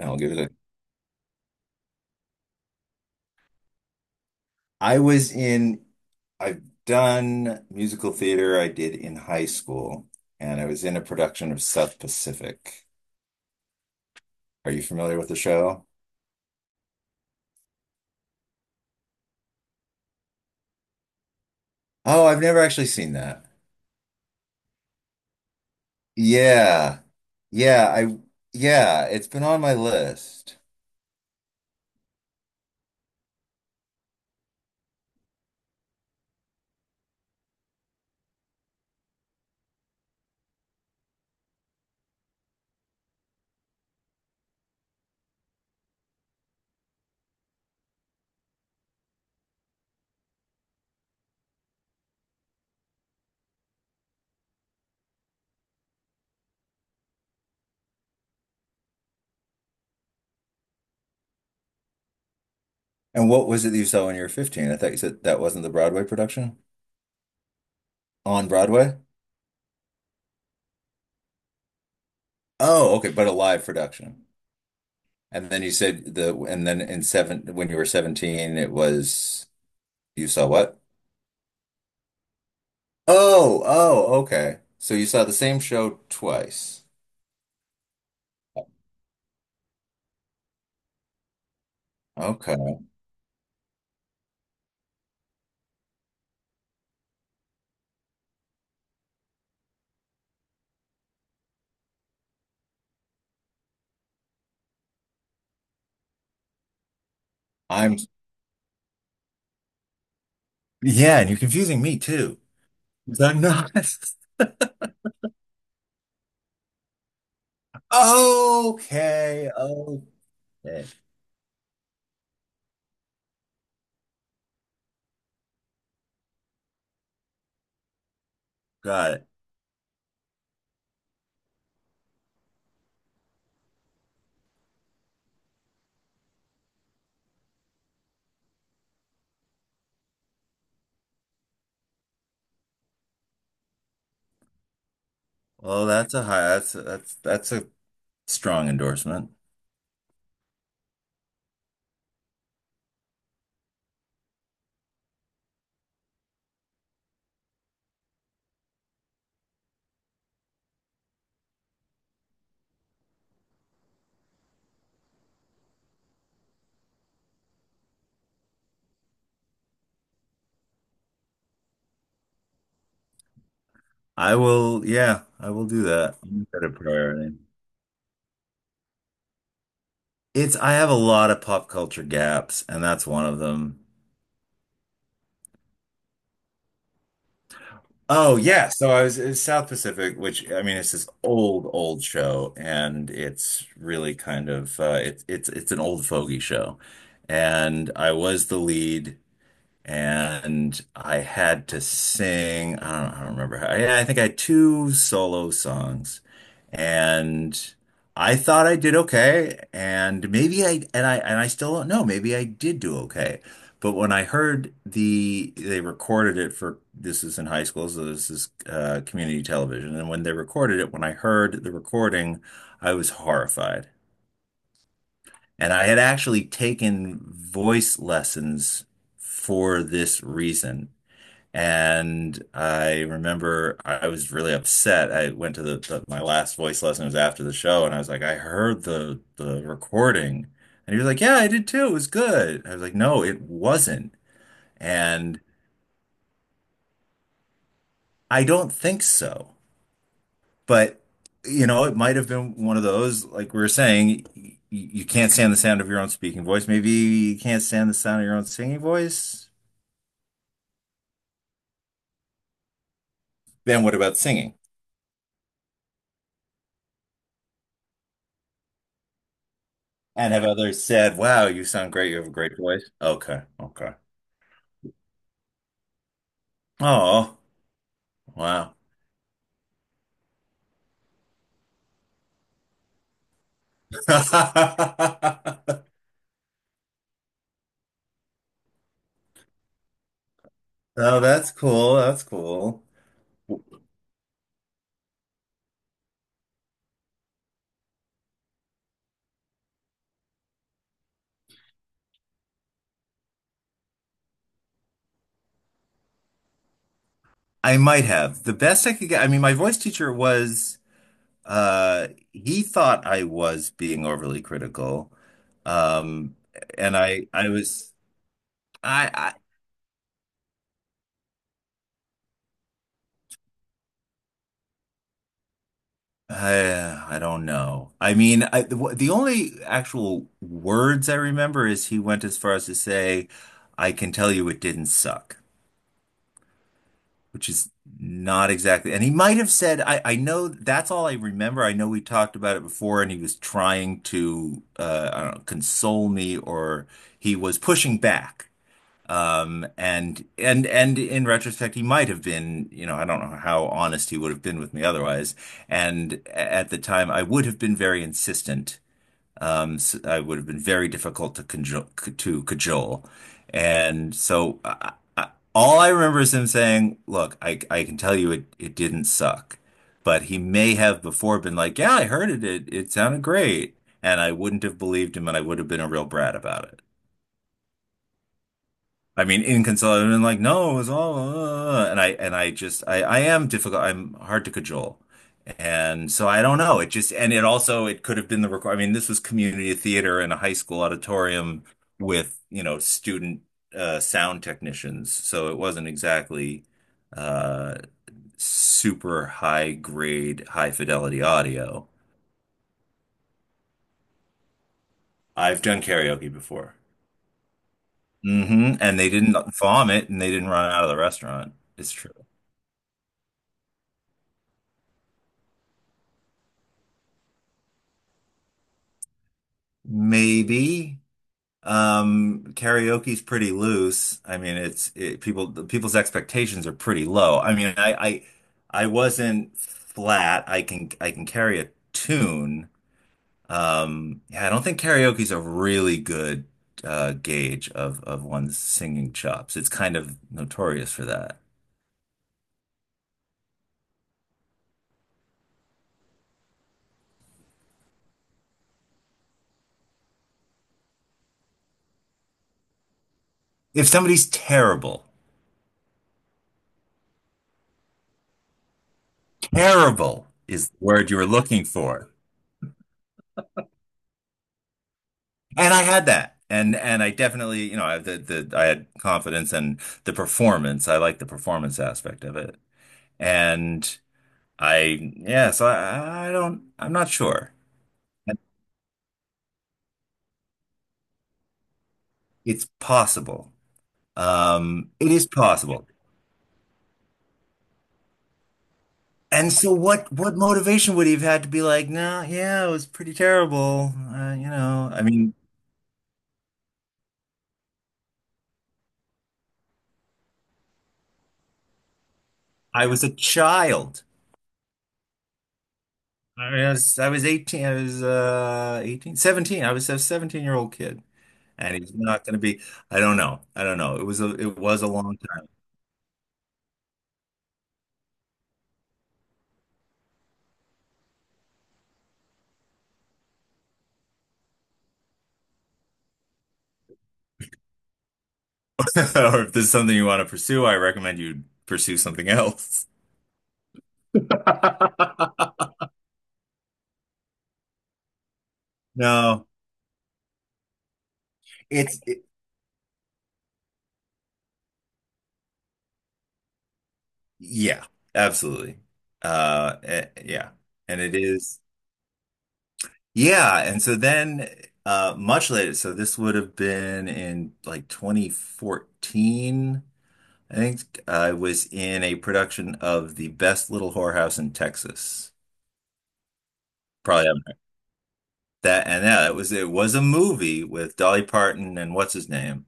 I'll give it a. I was in, I've done musical theater I did in high school, and I was in a production of South Pacific. Are you familiar with the show? Oh, I've never actually seen that. Yeah. Yeah, I yeah, it's been on my list. And what was it that you saw when you were 15? I thought you said that wasn't the Broadway production? On Broadway? Oh, okay, but a live production. And then you said the and then in seven when you were 17 it was you saw what? Oh, oh, okay. So you saw the same show twice. Okay. I'm, yeah, and you're confusing me too. 'Cause I'm not. Okay. Okay. Got it. Well, that's a high, that's a strong endorsement. I will, yeah, I will do that. I'll make that a priority. It's, I have a lot of pop culture gaps, and that's one of them. Oh yeah, so I was in South Pacific, which I mean, it's this old, old show, and it's really kind of it's an old fogey show, and I was the lead, and I had to sing. I don't remember. I think I had two solo songs, and I thought I did okay. And maybe I still don't know. Maybe I did do okay. But when I heard the they recorded it for this is in high school, so this is community television. And when they recorded it, when I heard the recording, I was horrified. And I had actually taken voice lessons for this reason. And I remember I was really upset. I went to the my last voice lesson was after the show, and I was like, I heard the recording, and he was like, yeah, I did too. It was good. I was like, no, it wasn't, and I don't think so. But you know, it might have been one of those, like we were saying, you can't stand the sound of your own speaking voice. Maybe you can't stand the sound of your own singing voice. Then what about singing? And have others said, wow, you sound great. You have a great voice. Okay, okay. Oh, wow. Oh, that's cool. That's cool. I might have. The best I could get, I mean, my voice teacher was, he thought I was being overly critical. Um, I was, I, I don't know. I mean, I, the only actual words I remember is he went as far as to say, I can tell you it didn't suck. Which is not exactly. And he might have said, I know that's all I remember. I know we talked about it before, and he was trying to, I don't know, console me, or he was pushing back. And in retrospect, he might have been, you know, I don't know how honest he would have been with me otherwise. And at the time, I would have been very insistent. So I would have been very difficult to cajole. And so I, all I remember is him saying, "Look, I can tell you it didn't suck." But he may have before been like, "Yeah, I heard it. It sounded great." And I wouldn't have believed him and I would have been a real brat about it. I mean, inconsolable and like, no, it's all, and I just, I am difficult. I'm hard to cajole. And so I don't know. And it also, it could have been the record. I mean, this was community theater in a high school auditorium with, you know, sound technicians. So it wasn't exactly, uh, super high grade, high fidelity audio. I've done karaoke before. And they didn't vomit and they didn't run out of the restaurant. It's true. Maybe. Karaoke's pretty loose. I mean, it's it, people the people's expectations are pretty low. I wasn't flat. I can carry a tune. Yeah, I don't think karaoke's a really good gauge of one's singing chops. It's kind of notorious for that. If somebody's terrible, terrible is the word you were looking for. And I had that. And I definitely, you know, I had confidence in the performance. I like the performance aspect of it. And I yeah, so I'm not sure. It's possible. It is possible. And so what motivation would he have had to be like, no, yeah, it was pretty terrible. You know, I mean, I was a child. I was 18, I was 18, 17 I was a 17-year-old kid. And he's not going to be, I don't know. I don't know. It was a long time. Or if this is something you want to pursue, I recommend you pursue something else. No, it's it, yeah, absolutely. Yeah. And it is yeah, and so then much later, so this would have been in like 2014. I think I was in a production of The Best Little Whorehouse in Texas. Probably haven't heard that and yeah, it was a movie with Dolly Parton and what's his name?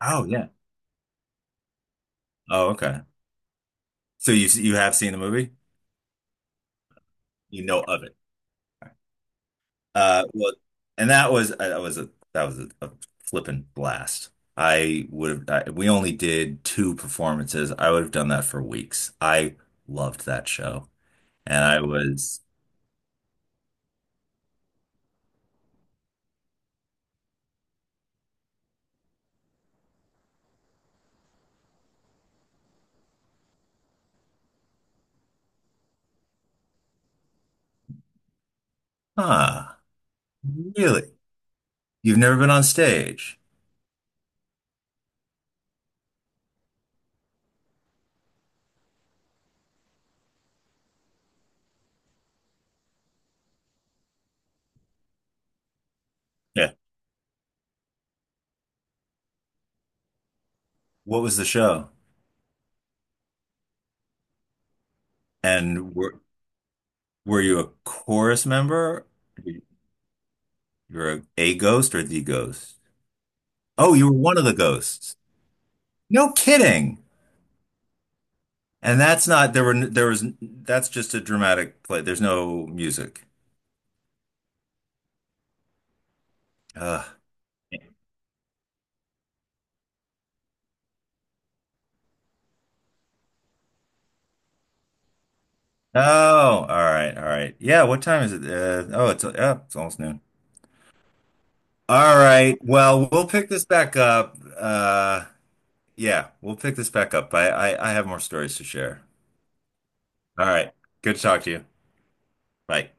Oh yeah. Oh okay. So you have seen the movie? You know of it. Well and that was that was a flippin' blast. I would have I, we only did two performances. I would have done that for weeks. I loved that show. And I was, ah, really? You've never been on stage? Yeah. What was the show? And were you a chorus member? You were a ghost or the ghost? Oh, you were one of the ghosts. No kidding. And that's not there were n- there was that's just a dramatic play. There's no music. Ugh. Oh, all right, all right. Yeah, what time is it? It's almost noon. All right. Well, we'll pick this back up. Yeah, we'll pick this back up. I have more stories to share. All right. Good to talk to you. Bye.